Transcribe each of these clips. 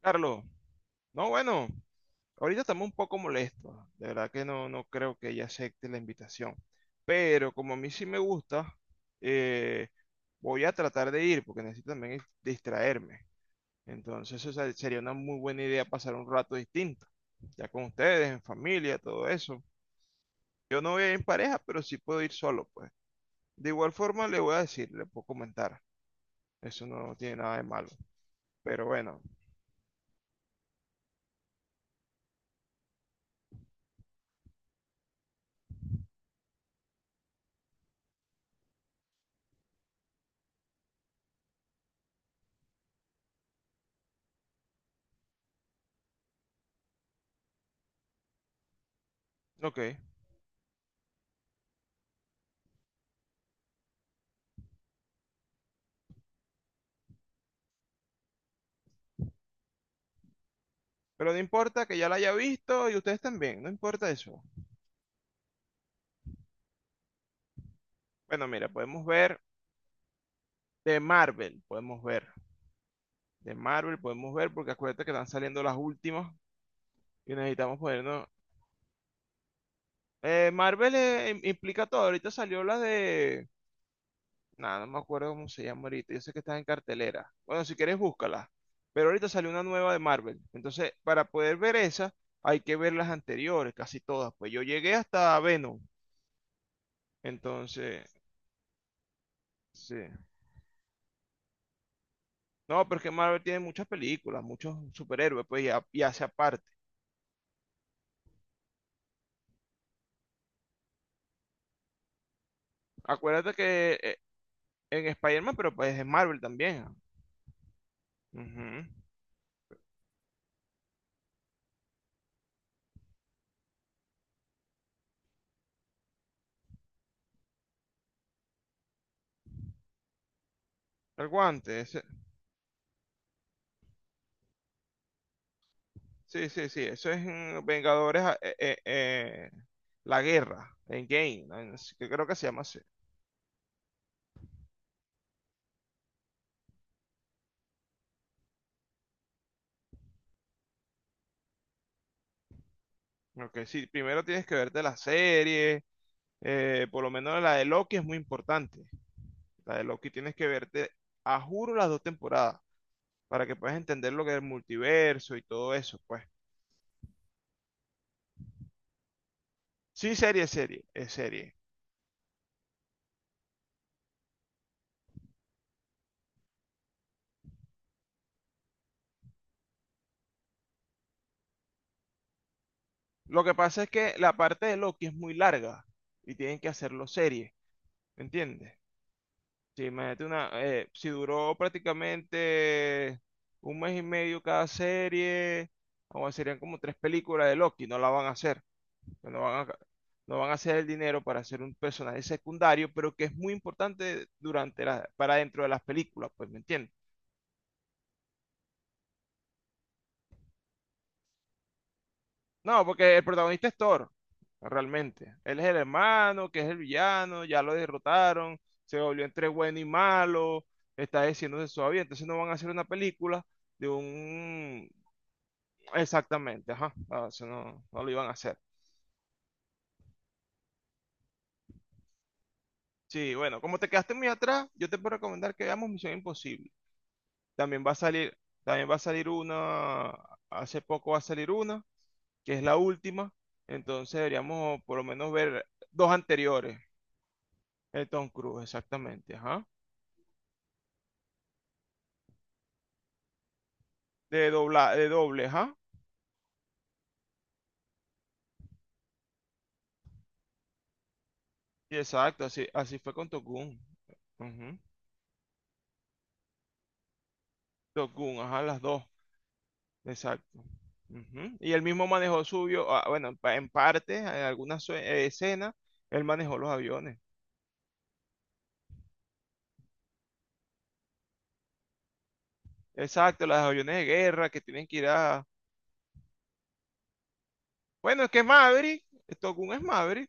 Carlos, no, bueno, ahorita estamos un poco molestos. De verdad que no creo que ella acepte la invitación. Pero como a mí sí me gusta, eh, voy a tratar de ir porque necesito también distraerme. Entonces, o sea, sería una muy buena idea pasar un rato distinto, ya con ustedes, en familia, todo eso. Yo no voy a ir en pareja, pero sí puedo ir solo, pues. De igual forma, le voy a decir, le puedo comentar. Eso no tiene nada de malo. Pero bueno, ok. Pero no importa que ya la haya visto y ustedes también, no importa eso. Bueno, mira, podemos ver de Marvel, podemos ver. De Marvel podemos ver porque acuérdate que están saliendo las últimas y necesitamos ponernos... Marvel implica todo. Ahorita salió la de... Nada, no me acuerdo cómo se llama ahorita. Yo sé que está en cartelera. Bueno, si quieres, búscala. Pero ahorita salió una nueva de Marvel. Entonces, para poder ver esa, hay que ver las anteriores, casi todas. Pues yo llegué hasta Venom. Entonces, sí. No, pero es que Marvel tiene muchas películas, muchos superhéroes, pues, y hace aparte. Acuérdate que en Spider-Man, pero pues es Marvel también. Ah. Ujú. El guante, ese- sí, sí, sí, eso es en Vengadores, la guerra, en Game, que creo que se llama así. Ok, sí, primero tienes que verte la serie, por lo menos la de Loki es muy importante. La de Loki tienes que verte, a juro, las dos temporadas, para que puedas entender lo que es el multiverso y todo eso, pues. Sí, serie, serie, es serie. Lo que pasa es que la parte de Loki es muy larga y tienen que hacerlo serie, ¿me entiendes? Sí, imagínate una, si duró prácticamente un mes y medio cada serie, o serían como tres películas de Loki, no la van a hacer, no van a, no van a hacer el dinero para hacer un personaje secundario, pero que es muy importante durante para dentro de las películas, pues, ¿me entiendes? No, porque el protagonista es Thor, realmente. Él es el hermano, que es el villano, ya lo derrotaron, se volvió entre bueno y malo, está diciéndose suave, entonces no van a hacer una película de un... Exactamente, ajá, ah, eso no lo iban a hacer. Sí, bueno, como te quedaste muy atrás, yo te puedo recomendar que veamos Misión Imposible. También va a salir, también va a salir una, hace poco va a salir una, que es la última, entonces deberíamos por lo menos ver dos anteriores. El Tom Cruise, exactamente, ajá. De doble, ajá. Sí, exacto, así, así fue con Top Gun. Ujú. Top Gun, ajá, las dos, exacto. Ujú. Y él mismo manejó suyo, ah, bueno, en parte, en algunas escenas, él manejó los aviones. Exacto, los aviones de guerra que tienen que ir a... Bueno, es que es Maverick, Top Gun es Maverick,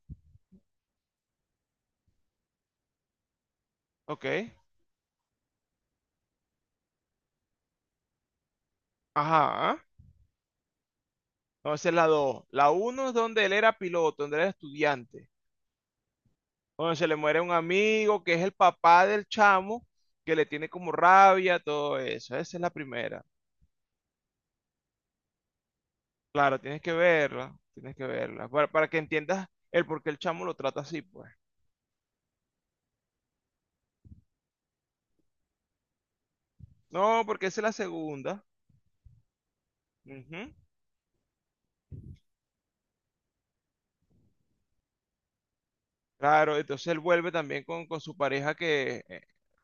ok. Ajá, entonces la dos. La uno es donde él era piloto, donde él era estudiante. Bueno, se le muere un amigo que es el papá del chamo, que le tiene como rabia, todo eso. Esa es la primera. Claro, tienes que verla, para que entiendas el por qué el chamo lo trata así, pues. No, porque esa es la segunda. Ujú. Claro, entonces él vuelve también con su pareja que eh,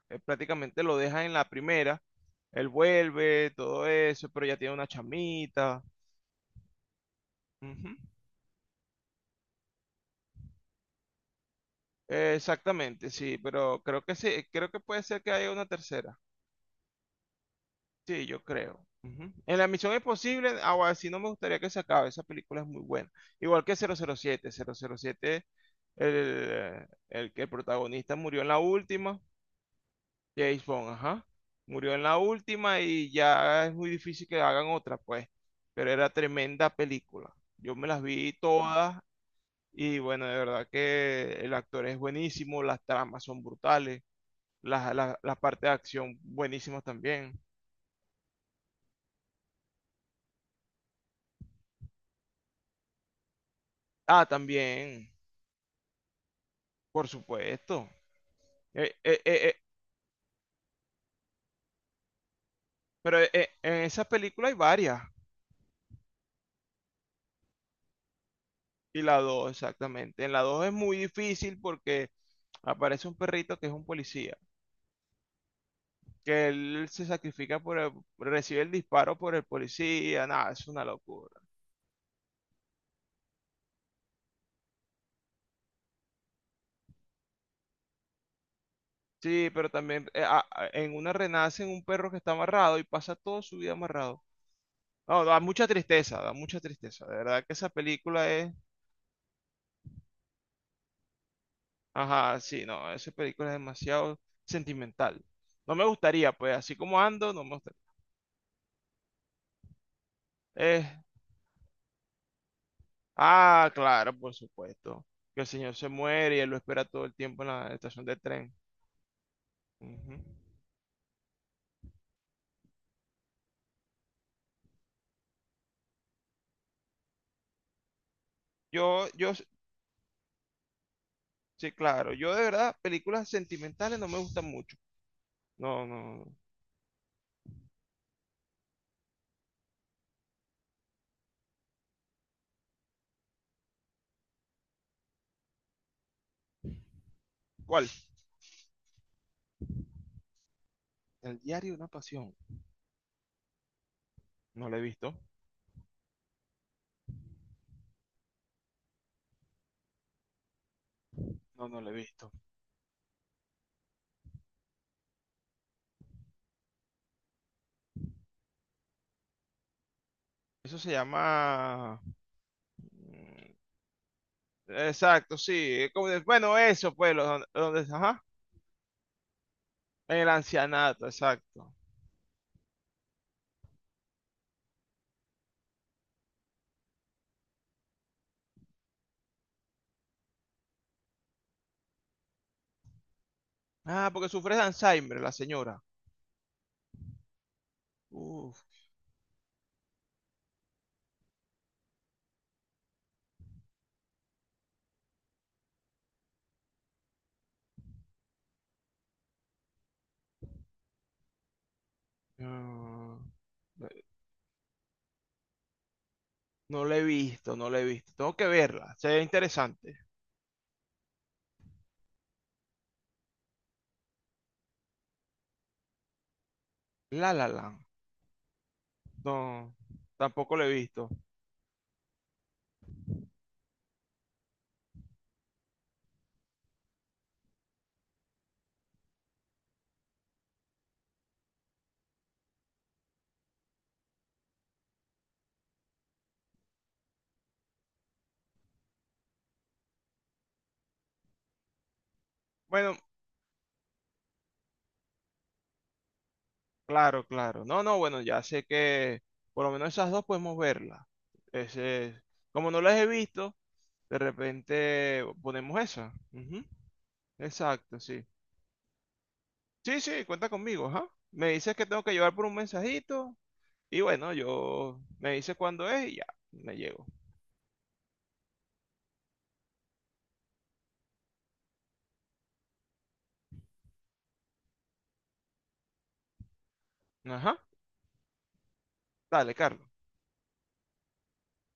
eh, prácticamente lo deja en la primera. Él vuelve, todo eso, pero ya tiene una chamita. Ujú. Exactamente, sí, pero creo que sí, creo que puede ser que haya una tercera. Sí, yo creo. Ujú. En La Misión Imposible, ahora sí no me gustaría que se acabe, esa película es muy buena. Igual que 007, 007, el que el protagonista murió en la última, James Bond, ajá, murió en la última y ya es muy difícil que hagan otra, pues, pero era tremenda película. Yo me las vi todas y bueno, de verdad que el actor es buenísimo, las tramas son brutales, las partes de acción buenísimas también. Ah, también. Por supuesto. Eh, eh, eh, eh, pero en esa película hay varias. Y la 2 exactamente. En la 2 es muy difícil porque aparece un perrito que es un policía. Que él se sacrifica por el- recibe el disparo por el policía. Nada, es una locura. Sí, pero también en una renacen un perro que está amarrado y pasa toda su vida amarrado. No, da mucha tristeza, da mucha tristeza. De verdad que esa película es... Ajá, sí, no, esa película es demasiado sentimental. No me gustaría, pues, así como ando, no me gustaría. Eh, ah, claro, por supuesto. Que el señor se muere y él lo espera todo el tiempo en la estación de tren. Ujú. Yo, yo, s- sí, claro. Yo de verdad, películas sentimentales no me gustan mucho. No, no, no. ¿Cuál? El diario de una pasión. No lo he visto. No, no lo he visto. Eso se llama... mm, exacto, sí. Es como de- Bueno, eso, pues, lo- donde, ajá. En el ancianato, exacto. Ah, porque sufre de Alzheimer la señora. Uf. No, no la he visto, no la he visto. Tengo que verla, se ve interesante. La La Land. No, tampoco la he visto. Bueno, claro, claro. No, no, bueno, ya sé que por lo menos esas dos podemos verla. Ese, como no las he visto, de repente ponemos esa. Ujú, exacto, sí. Sí, sí, cuenta conmigo, ajá. Me dices que tengo que llevar por un mensajito. Y bueno, yo me dice cuándo es y ya, me llego. Ajá. Dale, Carlos.